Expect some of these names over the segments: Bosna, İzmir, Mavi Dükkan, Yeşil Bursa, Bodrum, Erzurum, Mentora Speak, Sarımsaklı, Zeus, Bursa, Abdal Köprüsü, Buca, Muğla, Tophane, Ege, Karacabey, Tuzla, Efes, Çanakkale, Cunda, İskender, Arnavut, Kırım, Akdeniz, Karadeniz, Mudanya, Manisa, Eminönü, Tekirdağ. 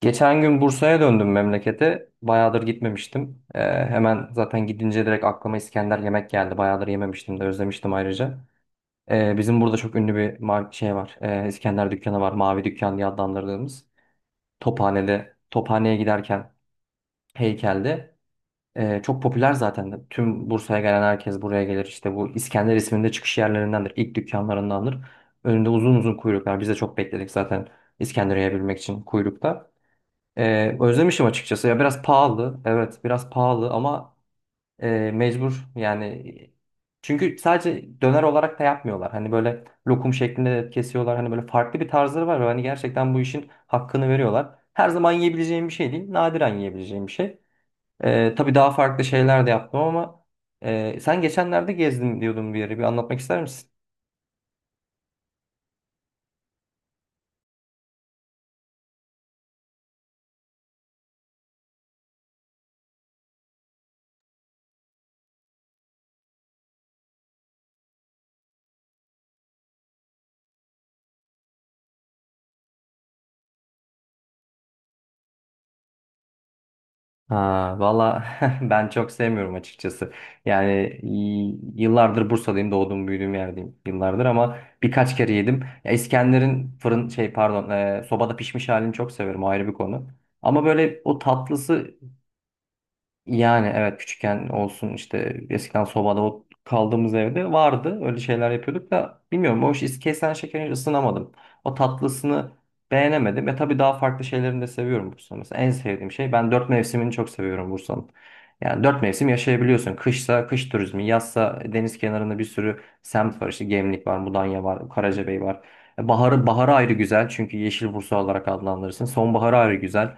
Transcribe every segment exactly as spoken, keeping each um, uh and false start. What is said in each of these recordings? Geçen gün Bursa'ya döndüm memlekete. Bayağıdır gitmemiştim. Ee, hemen zaten gidince direkt aklıma İskender yemek geldi. Bayağıdır yememiştim de özlemiştim ayrıca. Ee, bizim burada çok ünlü bir mar- şey var. Ee, İskender dükkanı var. Mavi Dükkan diye adlandırdığımız. Tophane'de, Tophane'ye giderken heykelde. Ee, çok popüler zaten. De. Tüm Bursa'ya gelen herkes buraya gelir. İşte bu İskender isminde çıkış yerlerindendir. İlk dükkanlarındandır. Önünde uzun uzun kuyruklar. Biz de çok bekledik zaten İskender yiyebilmek için kuyrukta. Ee, özlemişim açıkçası. Ya biraz pahalı, evet, biraz pahalı ama e, mecbur yani. Çünkü sadece döner olarak da yapmıyorlar. Hani böyle lokum şeklinde de kesiyorlar. Hani böyle farklı bir tarzları var ve hani gerçekten bu işin hakkını veriyorlar. Her zaman yiyebileceğim bir şey değil, nadiren yiyebileceğim bir şey. Ee, tabii daha farklı şeyler de yaptım ama e, sen geçenlerde gezdim diyordun bir yere. Bir anlatmak ister misin? Ha, valla ben çok sevmiyorum açıkçası. Yani y- Yıllardır Bursa'dayım, doğdum büyüdüğüm yerdeyim yıllardır ama birkaç kere yedim. Ya İskender'in fırın şey pardon e, sobada pişmiş halini çok severim, o ayrı bir konu. Ama böyle o tatlısı, yani evet, küçükken olsun, işte eskiden sobada o kaldığımız evde vardı. Öyle şeyler yapıyorduk da bilmiyorum, o iş kesen şekeri ısınamadım. O tatlısını beğenemedim. Ve tabii daha farklı şeylerini de seviyorum Bursa'nın. Mesela en sevdiğim şey, ben dört mevsimini çok seviyorum Bursa'nın. Yani dört mevsim yaşayabiliyorsun. Kışsa kış turizmi, yazsa deniz kenarında bir sürü semt var. İşte Gemlik var, Mudanya var, Karacabey var. E, Baharı, baharı ayrı güzel çünkü Yeşil Bursa olarak adlandırırsın. Sonbaharı ayrı güzel.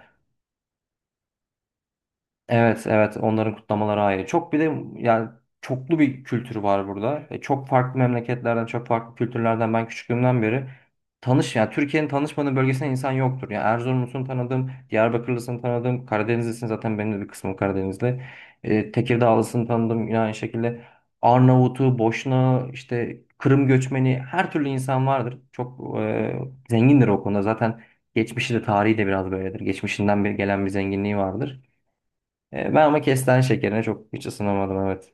Evet, evet. Onların kutlamaları ayrı. Çok bir de yani çoklu bir kültürü var burada. E, çok farklı memleketlerden, çok farklı kültürlerden ben küçüklüğümden beri tanış, yani Türkiye'nin tanışmadığı bölgesinde insan yoktur. Yani Erzurumlusunu tanıdım, Diyarbakırlısını tanıdım, Karadenizlisini, zaten benim de bir kısmım Karadenizli. E, Tekirdağlısını tanıdım yine aynı şekilde. Arnavut'u, Boşna, işte Kırım göçmeni, her türlü insan vardır. Çok e, zengindir o konuda. Zaten geçmişi de tarihi de biraz böyledir. Geçmişinden bir gelen bir zenginliği vardır. E, ben ama kestane şekerine çok hiç ısınamadım, evet.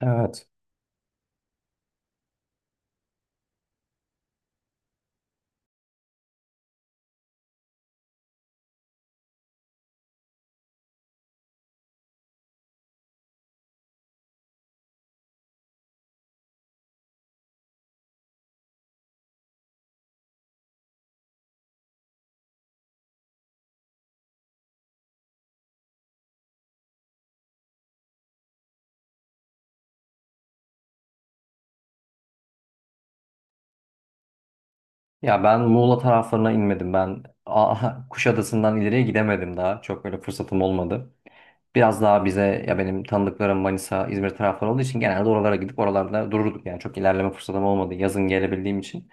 Evet. Ya ben Muğla taraflarına inmedim ben. Aa, Kuşadası'ndan ileriye gidemedim daha. Çok böyle fırsatım olmadı. Biraz daha bize, ya benim tanıdıklarım Manisa, İzmir tarafları olduğu için genelde oralara gidip oralarda dururduk. Yani çok ilerleme fırsatım olmadı yazın gelebildiğim için.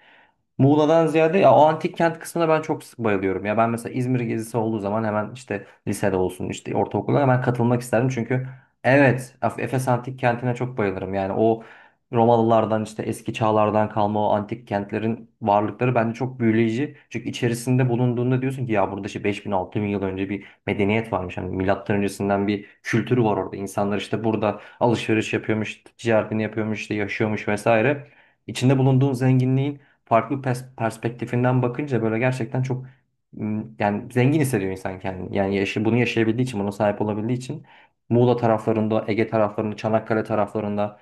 Muğla'dan ziyade ya o antik kent kısmına ben çok sık bayılıyorum. Ya ben mesela İzmir gezisi olduğu zaman hemen, işte lisede olsun, işte ortaokulda hemen katılmak isterdim. Çünkü evet, Af- Efes antik kentine çok bayılırım. Yani o Romalılardan, işte eski çağlardan kalma o antik kentlerin varlıkları bence çok büyüleyici. Çünkü içerisinde bulunduğunda diyorsun ki ya burada işte 5000 bin yıl önce bir medeniyet varmış. Hani milattan öncesinden bir kültürü var orada. İnsanlar işte burada alışveriş yapıyormuş, ticaretini yapıyormuş, işte yaşıyormuş vesaire. İçinde bulunduğun zenginliğin farklı pers- perspektifinden bakınca böyle gerçekten çok m, yani zengin hissediyor insan kendini. Yani yaşı, bunu yaşayabildiği için, buna sahip olabildiği için, Muğla taraflarında, Ege taraflarında, Çanakkale taraflarında.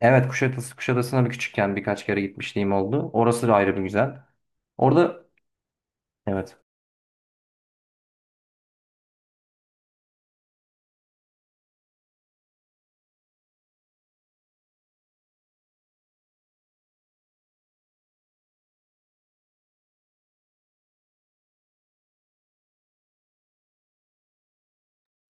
Evet, Kuşadası, Kuşadası'na bir küçükken birkaç kere gitmişliğim oldu. Orası da ayrı bir güzel. Orada evet.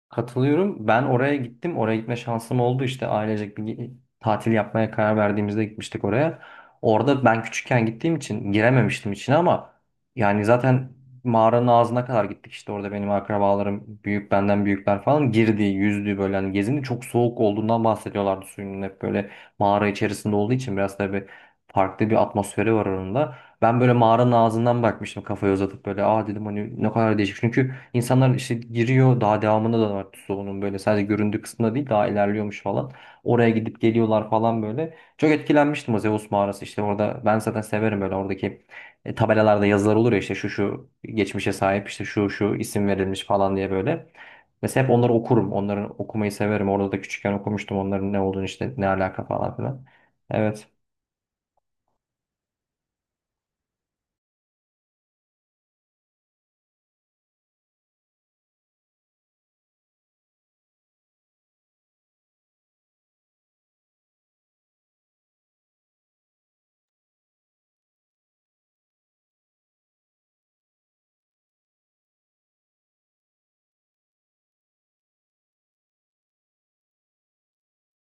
Katılıyorum. Ben oraya gittim. Oraya gitme şansım oldu. İşte ailecek bir ge- tatil yapmaya karar verdiğimizde gitmiştik oraya. Orada ben küçükken gittiğim için girememiştim içine ama yani zaten mağaranın ağzına kadar gittik. İşte orada benim akrabalarım, büyük benden büyükler falan girdi, yüzdü, böyle hani gezindi. Çok soğuk olduğundan bahsediyorlardı suyunun, hep böyle mağara içerisinde olduğu için biraz tabii farklı bir atmosferi var onun da. Ben böyle mağaranın ağzından bakmıştım kafayı uzatıp, böyle aa dedim, hani ne kadar değişik. Çünkü İnsanlar işte giriyor, daha devamında da var, Tuzla'nın böyle sadece göründüğü kısmında değil, daha ilerliyormuş falan. Oraya gidip geliyorlar falan böyle. Çok etkilenmiştim o Zeus mağarası, işte orada ben zaten severim böyle oradaki e, tabelalarda yazılar olur ya, işte şu şu geçmişe sahip, işte şu şu isim verilmiş falan diye böyle. Mesela hep onları okurum. Onların okumayı severim. Orada da küçükken okumuştum onların ne olduğunu, işte ne alaka falan filan. Evet,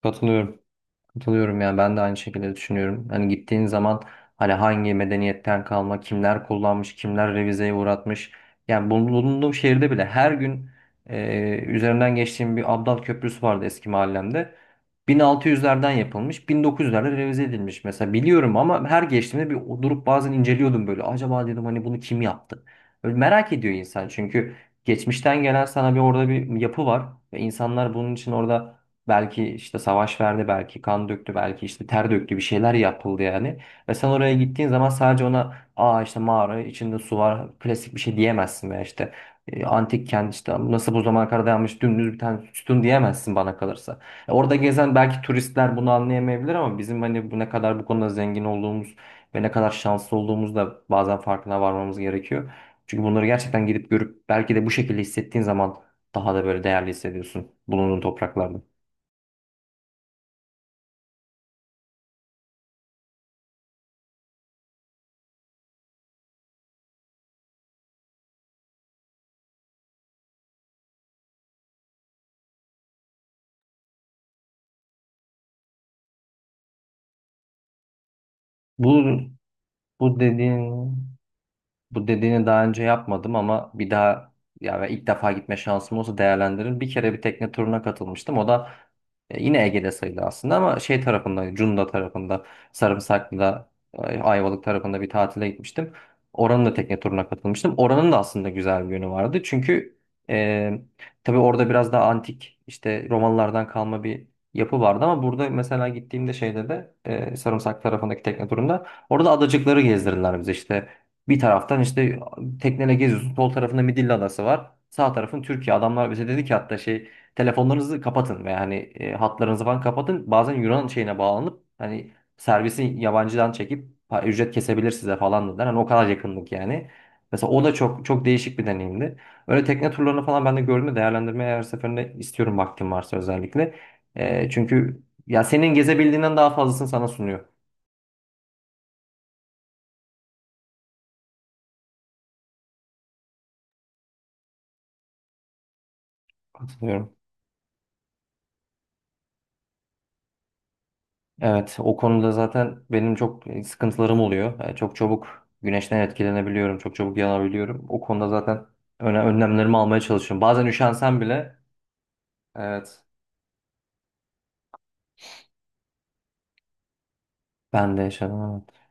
katılıyorum. Katılıyorum, yani ben de aynı şekilde düşünüyorum. Hani gittiğin zaman hani hangi medeniyetten kalma, kimler kullanmış, kimler revizeye uğratmış. Yani bulunduğum şehirde bile her gün e, üzerinden geçtiğim bir Abdal Köprüsü vardı eski mahallemde. bin altı yüzlerden yapılmış, bin dokuz yüzlerde revize edilmiş mesela, biliyorum ama her geçtiğimde bir durup bazen inceliyordum böyle. Acaba dedim hani bunu kim yaptı? Böyle merak ediyor insan çünkü geçmişten gelen sana bir, orada bir yapı var ve insanlar bunun için orada belki işte savaş verdi, belki kan döktü, belki işte ter döktü, bir şeyler yapıldı yani. Ve sen oraya gittiğin zaman sadece ona aa işte mağara içinde su var klasik bir şey diyemezsin, veya işte e, antik kent işte nasıl bu zamana kadar dayanmış dümdüz bir tane sütun diyemezsin bana kalırsa. E, Orada gezen belki turistler bunu anlayamayabilir ama bizim hani bu ne kadar bu konuda zengin olduğumuz ve ne kadar şanslı olduğumuz da bazen farkına varmamız gerekiyor. Çünkü bunları gerçekten gidip görüp belki de bu şekilde hissettiğin zaman daha da böyle değerli hissediyorsun bulunduğun topraklarda. Bu bu dediğin bu dediğini daha önce yapmadım ama bir daha, ya ve ilk defa gitme şansım olsa değerlendiririm. Bir kere bir tekne turuna katılmıştım. O da e, yine Ege'de sayılır aslında ama şey tarafında, Cunda tarafında, Sarımsaklı'da, e, Ayvalık tarafında bir tatile gitmiştim. Oranın da tekne turuna katılmıştım. Oranın da aslında güzel bir yönü vardı. Çünkü e, tabii orada biraz daha antik, işte Romalılardan kalma bir yapı vardı, ama burada mesela gittiğimde şeyde de e, Sarımsak tarafındaki tekne turunda orada adacıkları gezdirdiler bize işte. Bir taraftan işte tekneyle geziyorsun. Sol tarafında Midilli Adası var. Sağ tarafın Türkiye. Adamlar bize dedi ki hatta şey, telefonlarınızı kapatın veya hani e, hatlarınızı falan kapatın. Bazen Yunan şeyine bağlanıp hani servisi yabancıdan çekip pa- ücret kesebilir size falan dediler. Hani o kadar yakınlık yani. Mesela o da çok çok değişik bir deneyimdi. Öyle tekne turlarını falan ben de gördüm, değerlendirmeye her seferinde istiyorum vaktim varsa özellikle. E, çünkü ya senin gezebildiğinden daha fazlasını sana sunuyor. Katılıyorum. Evet, o konuda zaten benim çok sıkıntılarım oluyor. Yani çok çabuk güneşten etkilenebiliyorum, çok çabuk yanabiliyorum. O konuda zaten öne, önlemlerimi almaya çalışıyorum. Bazen üşensem bile, evet, ben de yaşadım, evet.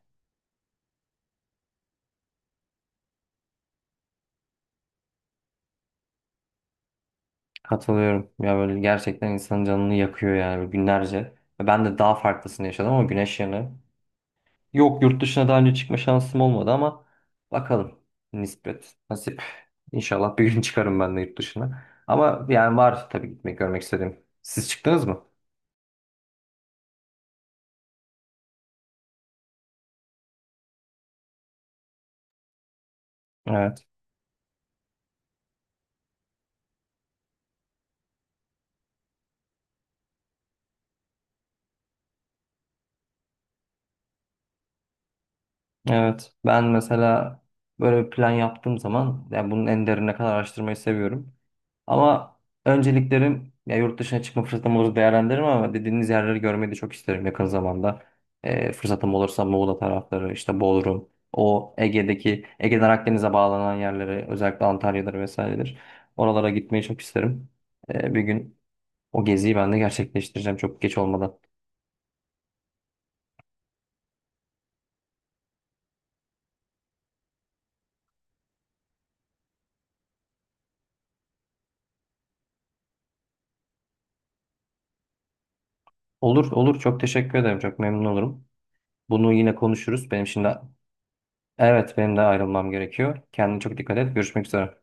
Katılıyorum. Ya böyle gerçekten insanın canını yakıyor yani günlerce. Ve ben de daha farklısını yaşadım ama güneş yanı. Yok, yurt dışına daha önce çıkma şansım olmadı ama bakalım. Nispet, nasip. İnşallah bir gün çıkarım ben de yurt dışına. Ama yani var tabii gitmek, görmek istediğim. Siz çıktınız mı? Evet. Evet, ben mesela böyle bir plan yaptığım zaman yani bunun en derine kadar araştırmayı seviyorum. Ama önceliklerim, ya yurt dışına çıkma fırsatım olursa değerlendiririm ama dediğiniz yerleri görmeyi de çok isterim yakın zamanda. Ee, fırsatım olursa Muğla tarafları, işte Bodrum, o Ege'deki, Ege'den Akdeniz'e bağlanan yerleri, özellikle Antalya'dır vesairedir. Oralara gitmeyi çok isterim. Ee, bir gün o geziyi ben de gerçekleştireceğim çok geç olmadan. Olur, olur. Çok teşekkür ederim. Çok memnun olurum. Bunu yine konuşuruz. Benim şimdi evet, benim de ayrılmam gerekiyor. Kendine çok dikkat et. Görüşmek üzere.